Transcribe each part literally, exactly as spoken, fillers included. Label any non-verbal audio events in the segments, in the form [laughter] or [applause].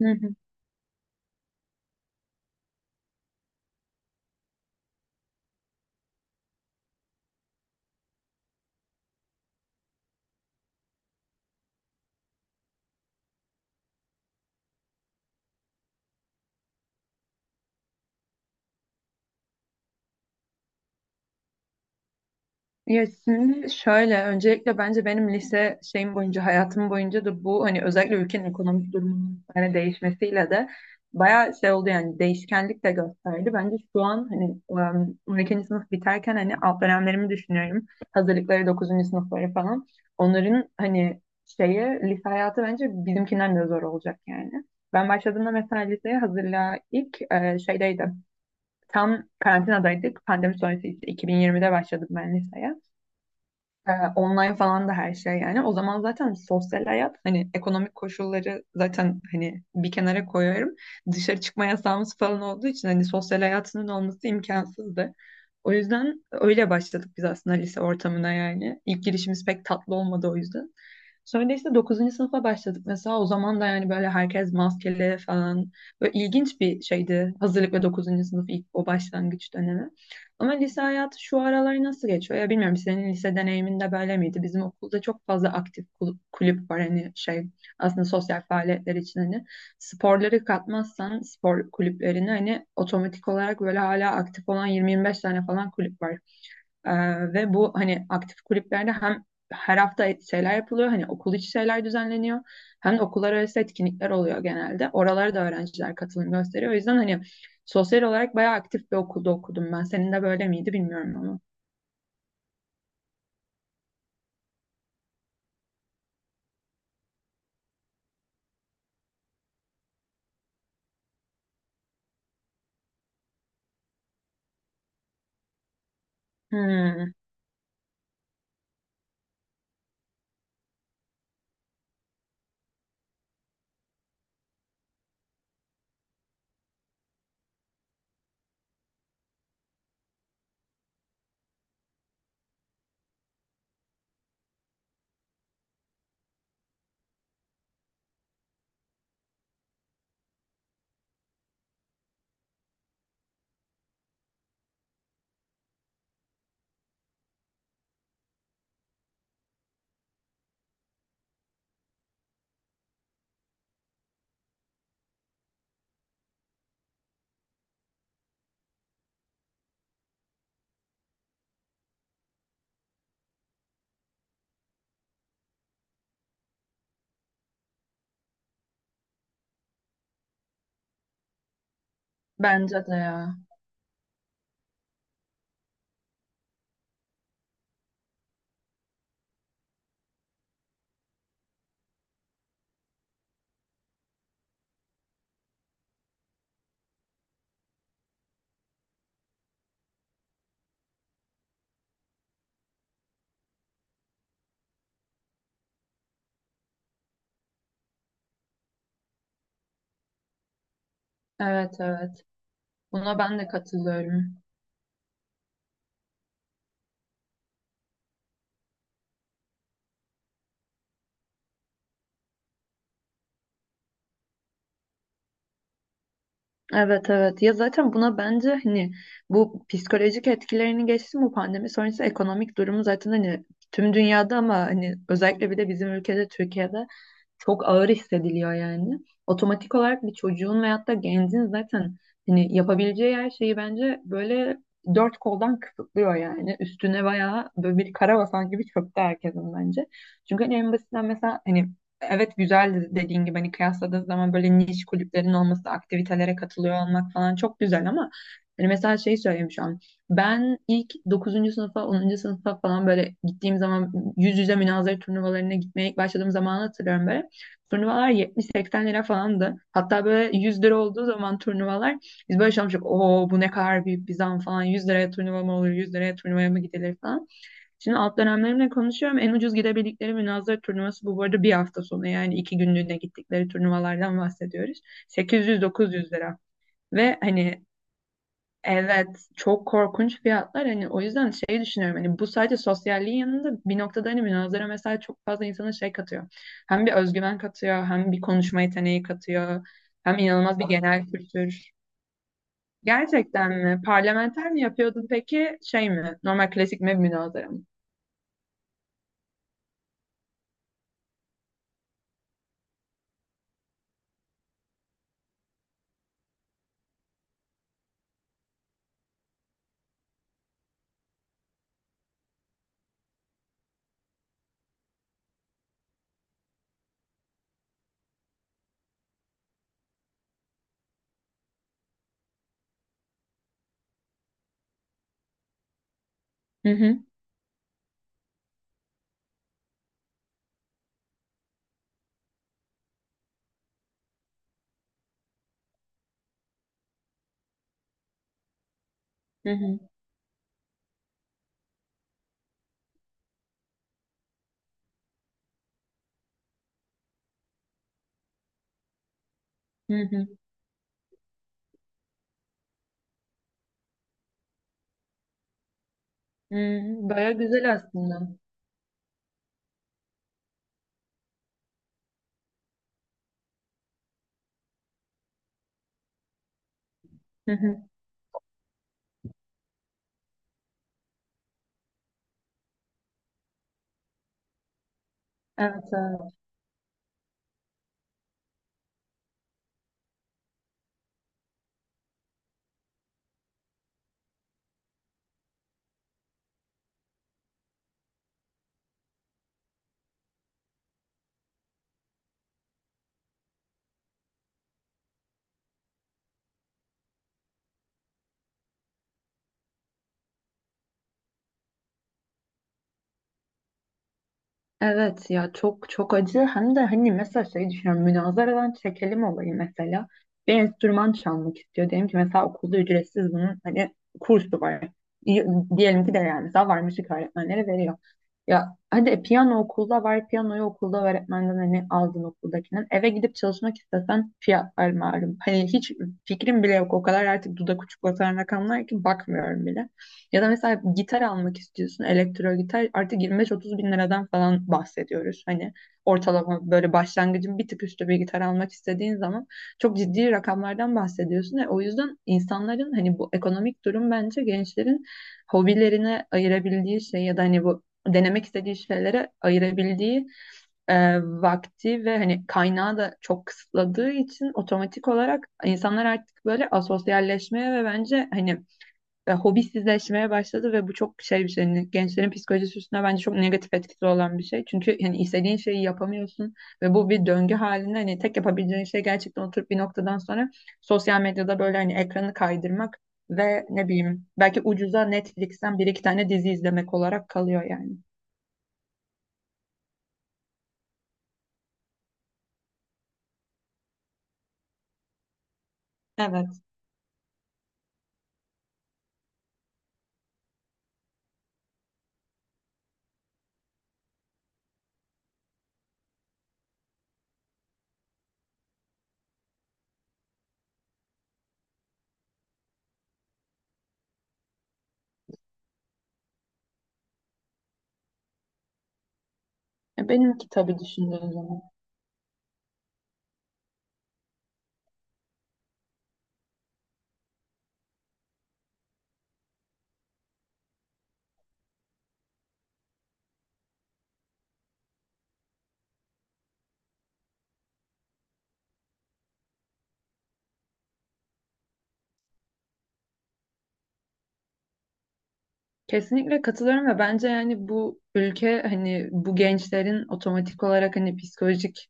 Hı hı. Ya şimdi şöyle öncelikle bence benim lise şeyim boyunca hayatım boyunca da bu hani özellikle ülkenin ekonomik durumunun hani değişmesiyle de bayağı şey oldu yani değişkenlik de gösterdi. Bence şu an hani ım, on ikinci sınıf biterken hani alt dönemlerimi düşünüyorum. Hazırlıkları dokuzuncu sınıfları falan. Onların hani şeyi lise hayatı bence bizimkinden de zor olacak yani. Ben başladığımda mesela liseye hazırlığa ilk e, şeydeydi. Tam karantinadaydık. Pandemi sonrası işte iki bin yirmide başladık ben liseye. Ee, online falan da her şey yani. O zaman zaten sosyal hayat hani ekonomik koşulları zaten hani bir kenara koyuyorum. Dışarı çıkma yasağımız falan olduğu için hani sosyal hayatının olması imkansızdı. O yüzden öyle başladık biz aslında lise ortamına yani. İlk girişimiz pek tatlı olmadı o yüzden. Sonra işte dokuzuncu sınıfa başladık mesela. O zaman da yani böyle herkes maskeli falan. Böyle ilginç bir şeydi. Hazırlık ve dokuzuncu sınıf ilk o başlangıç dönemi. Ama lise hayatı şu aralar nasıl geçiyor? Ya bilmiyorum senin lise deneyiminde böyle miydi? Bizim okulda çok fazla aktif kul- kulüp var. Hani şey aslında sosyal faaliyetler için hani sporları katmazsan spor kulüplerini hani otomatik olarak böyle hala aktif olan yirmi yirmi beş tane falan kulüp var. Ee, ve bu hani aktif kulüplerde hem her hafta şeyler yapılıyor hani okul içi şeyler düzenleniyor hem de okullar arası etkinlikler oluyor genelde. Oralara da öğrenciler katılım gösteriyor. O yüzden hani sosyal olarak bayağı aktif bir okulda okudum ben. Senin de böyle miydi bilmiyorum ama. Hmm, Bence de ya. Evet, evet. Buna ben de katılıyorum. Evet, evet. Ya zaten buna bence hani bu psikolojik etkilerini geçtim bu pandemi sonrası ekonomik durumu zaten hani tüm dünyada ama hani özellikle bir de bizim ülkede Türkiye'de çok ağır hissediliyor yani. Otomatik olarak bir çocuğun veyahut da gencin zaten hani yapabileceği her şeyi bence böyle dört koldan kısıtlıyor yani. Üstüne bayağı böyle bir kara basan gibi çöktü herkesin bence. Çünkü hani en basitinden mesela hani evet güzel dediğin gibi hani kıyasladığın zaman böyle niş kulüplerin olması, aktivitelere katılıyor olmak falan çok güzel ama hani mesela şey söyleyeyim şu an. Ben ilk dokuzuncu sınıfa, onuncu sınıfa falan böyle gittiğim zaman yüz yüze münazara turnuvalarına gitmeye ilk başladığım zamanı hatırlıyorum böyle. Turnuvalar yetmiş seksen lira falandı. Hatta böyle yüz lira olduğu zaman turnuvalar biz böyle şey. Oo, bu ne kadar büyük bir zam falan. yüz liraya turnuva mı olur? yüz liraya turnuvaya mı gidilir falan. Şimdi alt dönemlerimle konuşuyorum. En ucuz gidebildikleri münazara turnuvası bu. Bu arada bir hafta sonu yani iki günlüğüne gittikleri turnuvalardan bahsediyoruz. sekiz yüz dokuz yüz lira. Ve hani, evet, çok korkunç fiyatlar. Hani o yüzden şey düşünüyorum. Hani bu sadece sosyalliğin yanında bir noktada hani münazara mesela çok fazla insana şey katıyor. Hem bir özgüven katıyor, hem bir konuşma yeteneği katıyor, hem inanılmaz bir genel kültür. Gerçekten mi? Parlamenter mi yapıyordun peki? Şey mi? Normal klasik mi münazara mı? Hı hı, hı hı, hı hı. Hı, baya güzel aslında. Hı hı. Evet, evet. Evet ya çok çok acı hem de hani mesela şey düşünüyorum münazaradan çekelim olayı mesela bir enstrüman çalmak istiyor diyelim ki mesela okulda ücretsiz bunun hani kursu var. Y- Diyelim ki de yani mesela var müzik öğretmenleri veriyor ya hadi e, piyano okulda var piyanoyu okulda öğretmenden hani aldın okuldakinden eve gidip çalışmak istesen fiyatlar malum hani hiç fikrim bile yok o kadar artık dudak uçuklatan rakamlar ki bakmıyorum bile. Ya da mesela gitar almak istiyorsun, elektro gitar artık yirmi beş otuz bin liradan falan bahsediyoruz. Hani ortalama böyle başlangıcın bir tık üstü bir gitar almak istediğin zaman çok ciddi rakamlardan bahsediyorsun. E, o yüzden insanların hani bu ekonomik durum bence gençlerin hobilerine ayırabildiği şey ya da hani bu denemek istediği şeylere ayırabildiği e, vakti ve hani kaynağı da çok kısıtladığı için otomatik olarak insanlar artık böyle asosyalleşmeye ve bence hani e, hobisizleşmeye başladı ve bu çok şey bir şey. Yani gençlerin psikolojisi üstüne bence çok negatif etkisi olan bir şey. Çünkü yani istediğin şeyi yapamıyorsun ve bu bir döngü halinde hani tek yapabileceğin şey gerçekten oturup bir noktadan sonra sosyal medyada böyle hani ekranı kaydırmak ve ne bileyim belki ucuza Netflix'ten bir iki tane dizi izlemek olarak kalıyor yani. Evet. E, Benimki tabii düşündüğün zaman. Kesinlikle katılıyorum ve bence yani bu ülke hani bu gençlerin otomatik olarak hani psikolojik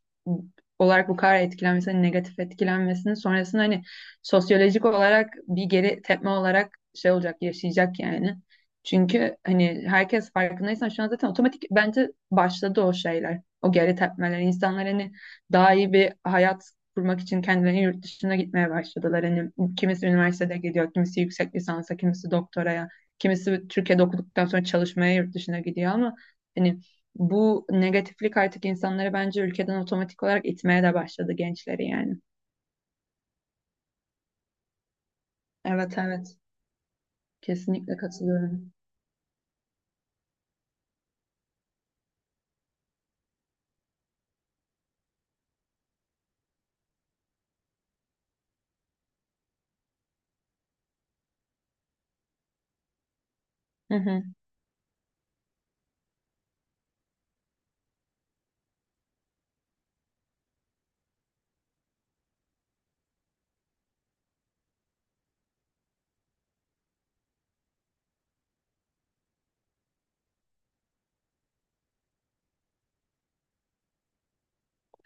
olarak bu kadar etkilenmesi, hani negatif etkilenmesinin sonrasında hani sosyolojik olarak bir geri tepme olarak şey olacak, yaşayacak yani. Çünkü hani herkes farkındaysan şu an zaten otomatik bence başladı o şeyler, o geri tepmeler. İnsanlar hani daha iyi bir hayat kurmak için kendilerini yurt dışına gitmeye başladılar. Hani kimisi üniversitede gidiyor, kimisi yüksek lisansa, kimisi doktoraya. Kimisi Türkiye'de okuduktan sonra çalışmaya yurt dışına gidiyor ama hani bu negatiflik artık insanları bence ülkeden otomatik olarak itmeye de başladı gençleri yani. Evet, evet, kesinlikle katılıyorum. Hı hı.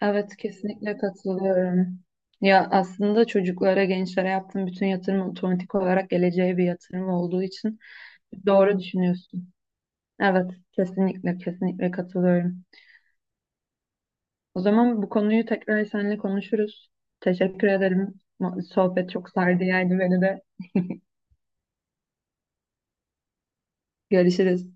Evet, kesinlikle katılıyorum. Ya aslında çocuklara, gençlere yaptığım bütün yatırım otomatik olarak geleceğe bir yatırım olduğu için doğru düşünüyorsun. Evet, kesinlikle kesinlikle katılıyorum. O zaman bu konuyu tekrar seninle konuşuruz. Teşekkür ederim. Sohbet çok sardı yani beni de. [laughs] Görüşürüz.